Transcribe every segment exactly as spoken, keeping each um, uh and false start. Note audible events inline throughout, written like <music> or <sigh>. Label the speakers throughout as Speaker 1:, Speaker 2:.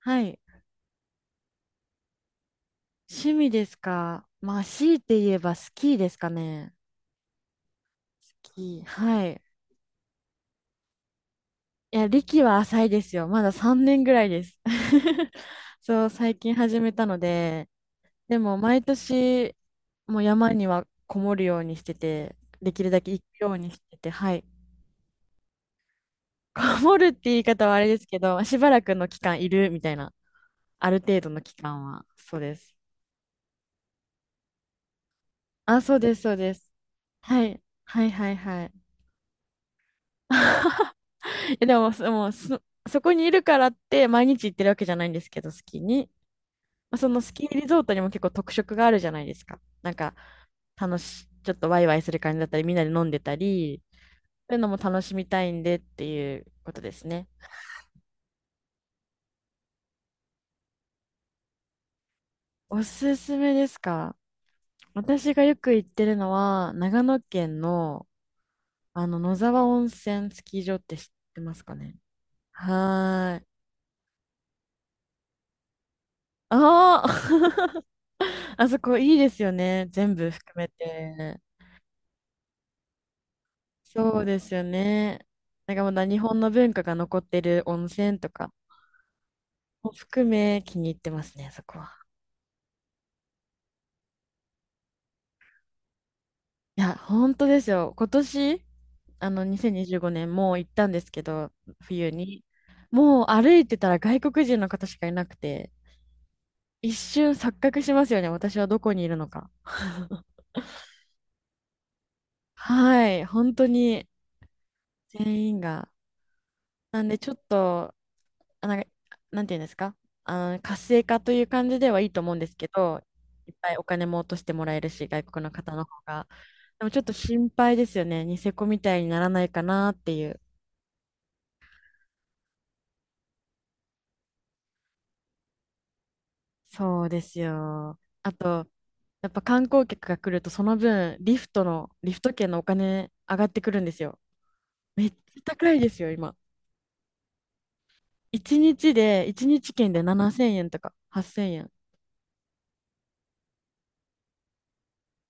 Speaker 1: はい。趣味ですかまあ、強いて言えばスキーですかね。スキー。はい。いや、歴は浅いですよ。まださんねんぐらいです。<laughs> そう、最近始めたので、でも毎年、もう山にはこもるようにしてて、できるだけ行くようにしてて、はい。<laughs> こもるって言い方はあれですけど、しばらくの期間いるみたいな、ある程度の期間は、そうです。あ、そうです、そうです。はい。はいはいはい。<laughs> え、でも、そもうそ、そこにいるからって毎日行ってるわけじゃないんですけど、スキーに。まあそのスキーリゾートにも結構特色があるじゃないですか。なんか、楽し、ちょっとワイワイする感じだったり、みんなで飲んでたり、そういうのも楽しみたいんでっていうことですね。おすすめですか？私がよく行ってるのは、長野県の、あの、野沢温泉スキー場って知ってますかね？はーい。ああ。 <laughs> あそこいいですよね。全部含めて。そうですよね。なんかまだ日本の文化が残ってる温泉とかも含め気に入ってますね、そこは。いや、本当ですよ。今年、あの、にせんにじゅうごねんもう行ったんですけど、冬に。もう歩いてたら外国人の方しかいなくて、一瞬錯覚しますよね、私はどこにいるのか。はい、本当に全員が。なんでちょっとあ、なんか、なんていうんですか？あの、活性化という感じではいいと思うんですけど、いっぱいお金も落としてもらえるし、外国の方の方が。でもちょっと心配ですよね。ニセコみたいにならないかなっていう。そうですよ。あと、やっぱ観光客が来ると、その分、リフトの、リフト券のお金上がってくるんですよ。めっちゃ高いですよ、今。いちにちで、いちにち券でななせんえんとかはっせんえん。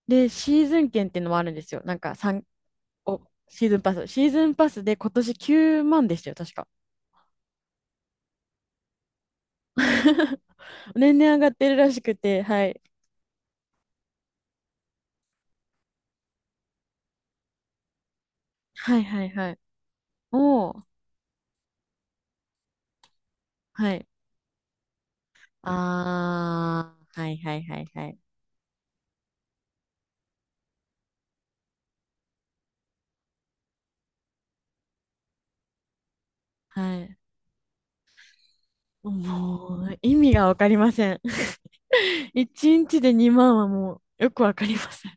Speaker 1: で、シーズン券っていうのもあるんですよ。なんかさんお、シーズンパス。シーズンパスで今年きゅうまんでしたよ、確か。<laughs> 年々上がってるらしくて、はい。はいはいはい。おー、はい。あー、はいはいはいはい。はい。もう、意味がわかりません。<laughs> いちにちでにまんはもう、よくわかりません。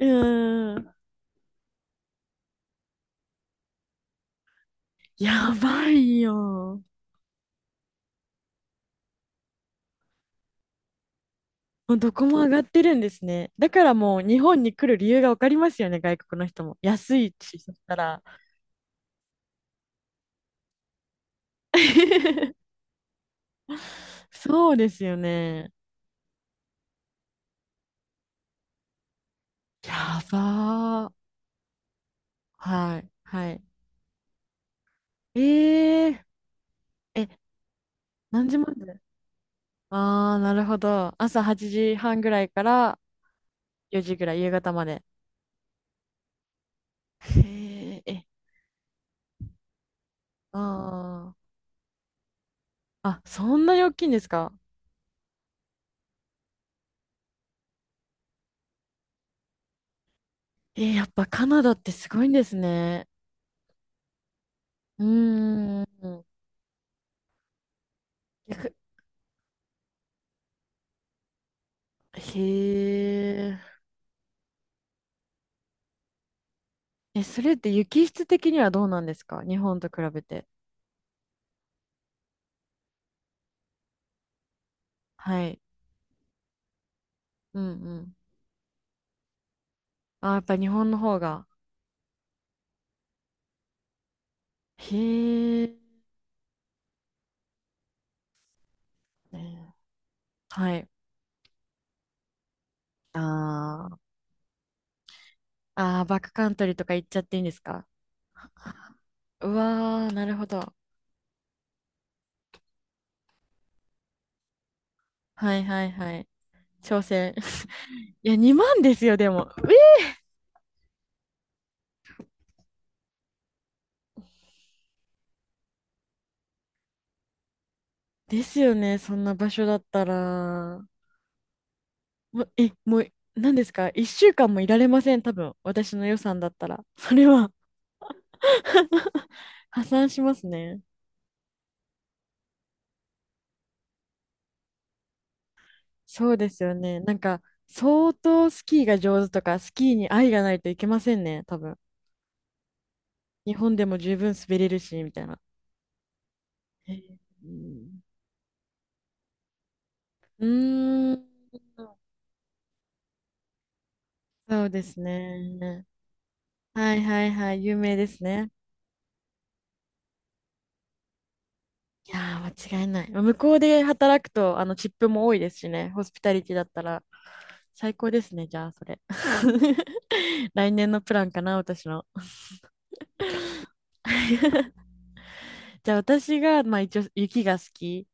Speaker 1: うーん。やばいよ。もうどこも上がってるんですね。だからもう日本に来る理由がわかりますよね、外国の人も。安いし、そしたら。<laughs> そうですよね。やばー。はい。はい。えー、え、何時まで？ああー、なるほど。朝はちじはんぐらいからよじぐらい、夕方まで。へえ、え、ああ。あ、そんなに大きいんですか？えーやっぱカナダってすごいんですね。うーん。逆へえ。え、それって雪質的にはどうなんですか？日本と比べて。はい。うんうん。あー、やっぱ日本の方が。へえ。ね、はい。あー、ああ、バックカントリーとか行っちゃっていいんですか？うわー、なるほど。はいはいはい。挑戦。<laughs> いや、にまんですよ、でも。え、ですよね、そんな場所だったら。もう、え、もう、何ですか？ いっ 週間もいられません、多分。私の予算だったら。<laughs> それは。 <laughs> 破産しますね。そうですよね。なんか、相当スキーが上手とか、スキーに愛がないといけませんね、多分。日本でも十分滑れるし、みたいな。へえ、うん、うーん、そうですね。はいはいはい、有名ですね。いやー、間違いない。まあ向こうで働くと、あの、チップも多いですしね、ホスピタリティだったら、最高ですね、じゃあ、それ。<laughs> 来年のプランかな、私の。<laughs> じゃあ、私が、まあ、一応、雪が好き、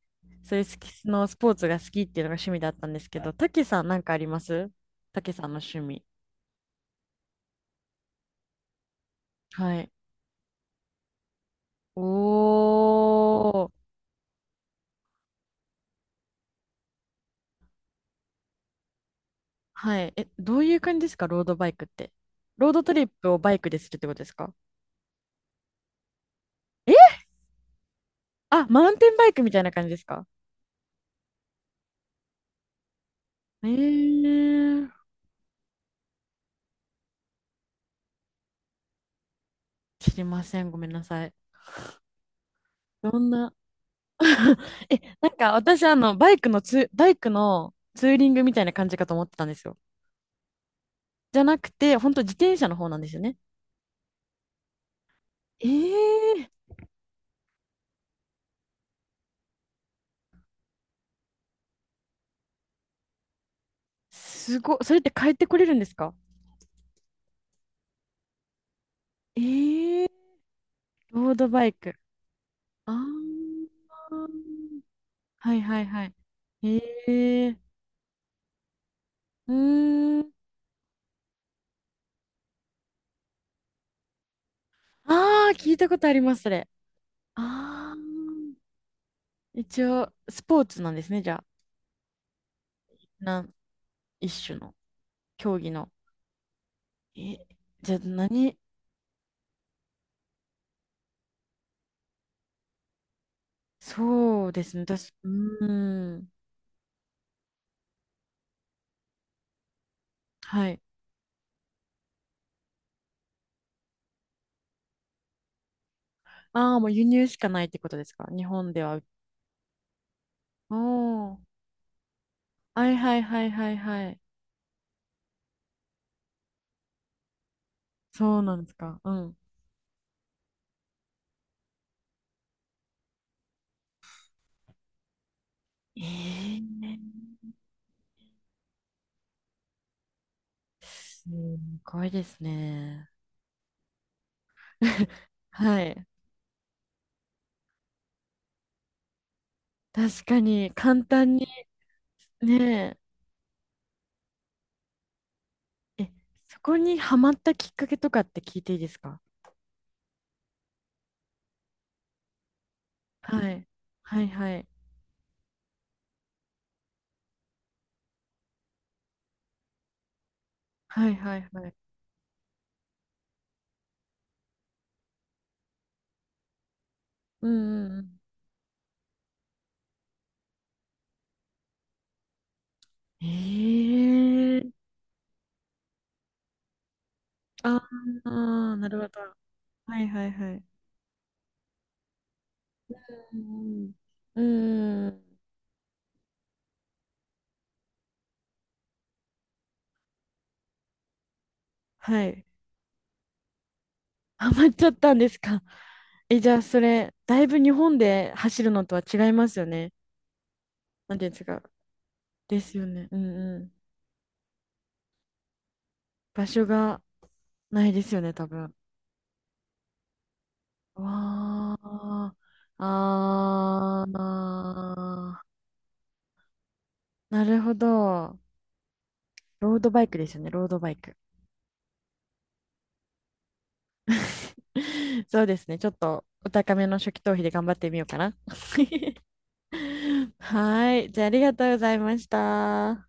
Speaker 1: そういうスキスのスポーツが好きっていうのが趣味だったんですけど、たけさん、なんかあります？たけさんの趣味。はい。おー。はい。え、どういう感じですか、ロードバイクって。ロードトリップをバイクでするってことですか？え、あ、マウンテンバイクみたいな感じですか？えー、知りません。ごめんなさい。どんな。<laughs> え、なんか私、あの、バイクのツー、バイクのツーリングみたいな感じかと思ってたんですよ。じゃなくて、本当自転車の方なんですよね。えー、すごい。それって帰ってこれるんですか？えー、ロードバイク。あー、はいはいはい。へえ。うーん。ああ、聞いたことあります、それ。ああ。一応、スポーツなんですね、じゃあ。なん、一種の、競技の。え、じゃあ何？そうですね、私、うーん。はい。ああ、もう輸入しかないってことですか、日本では。おお。はいはいはいはいはい。そうなんですか。うん。ええ。すごいですね。<laughs> はい。確かに、簡単に。ねえ。え、そこにハマったきっかけとかって聞いていいですか？はい。はいはい。はいはいはい。うんうんうん。ええ、ああー、なるほど。はいはいはい。うんうん。うーん。はい。ハマっちゃったんですか。え、じゃあそれ、だいぶ日本で走るのとは違いますよね。なんていうんですか。ですよね。うんうん。場所がないですよね、多分。わあ、ああ、なるほど。ロードバイクですよね、ロードバイク。<laughs> そうですね、ちょっとお高めの初期投資で頑張ってみようかな。<laughs> はい、じゃあありがとうございました。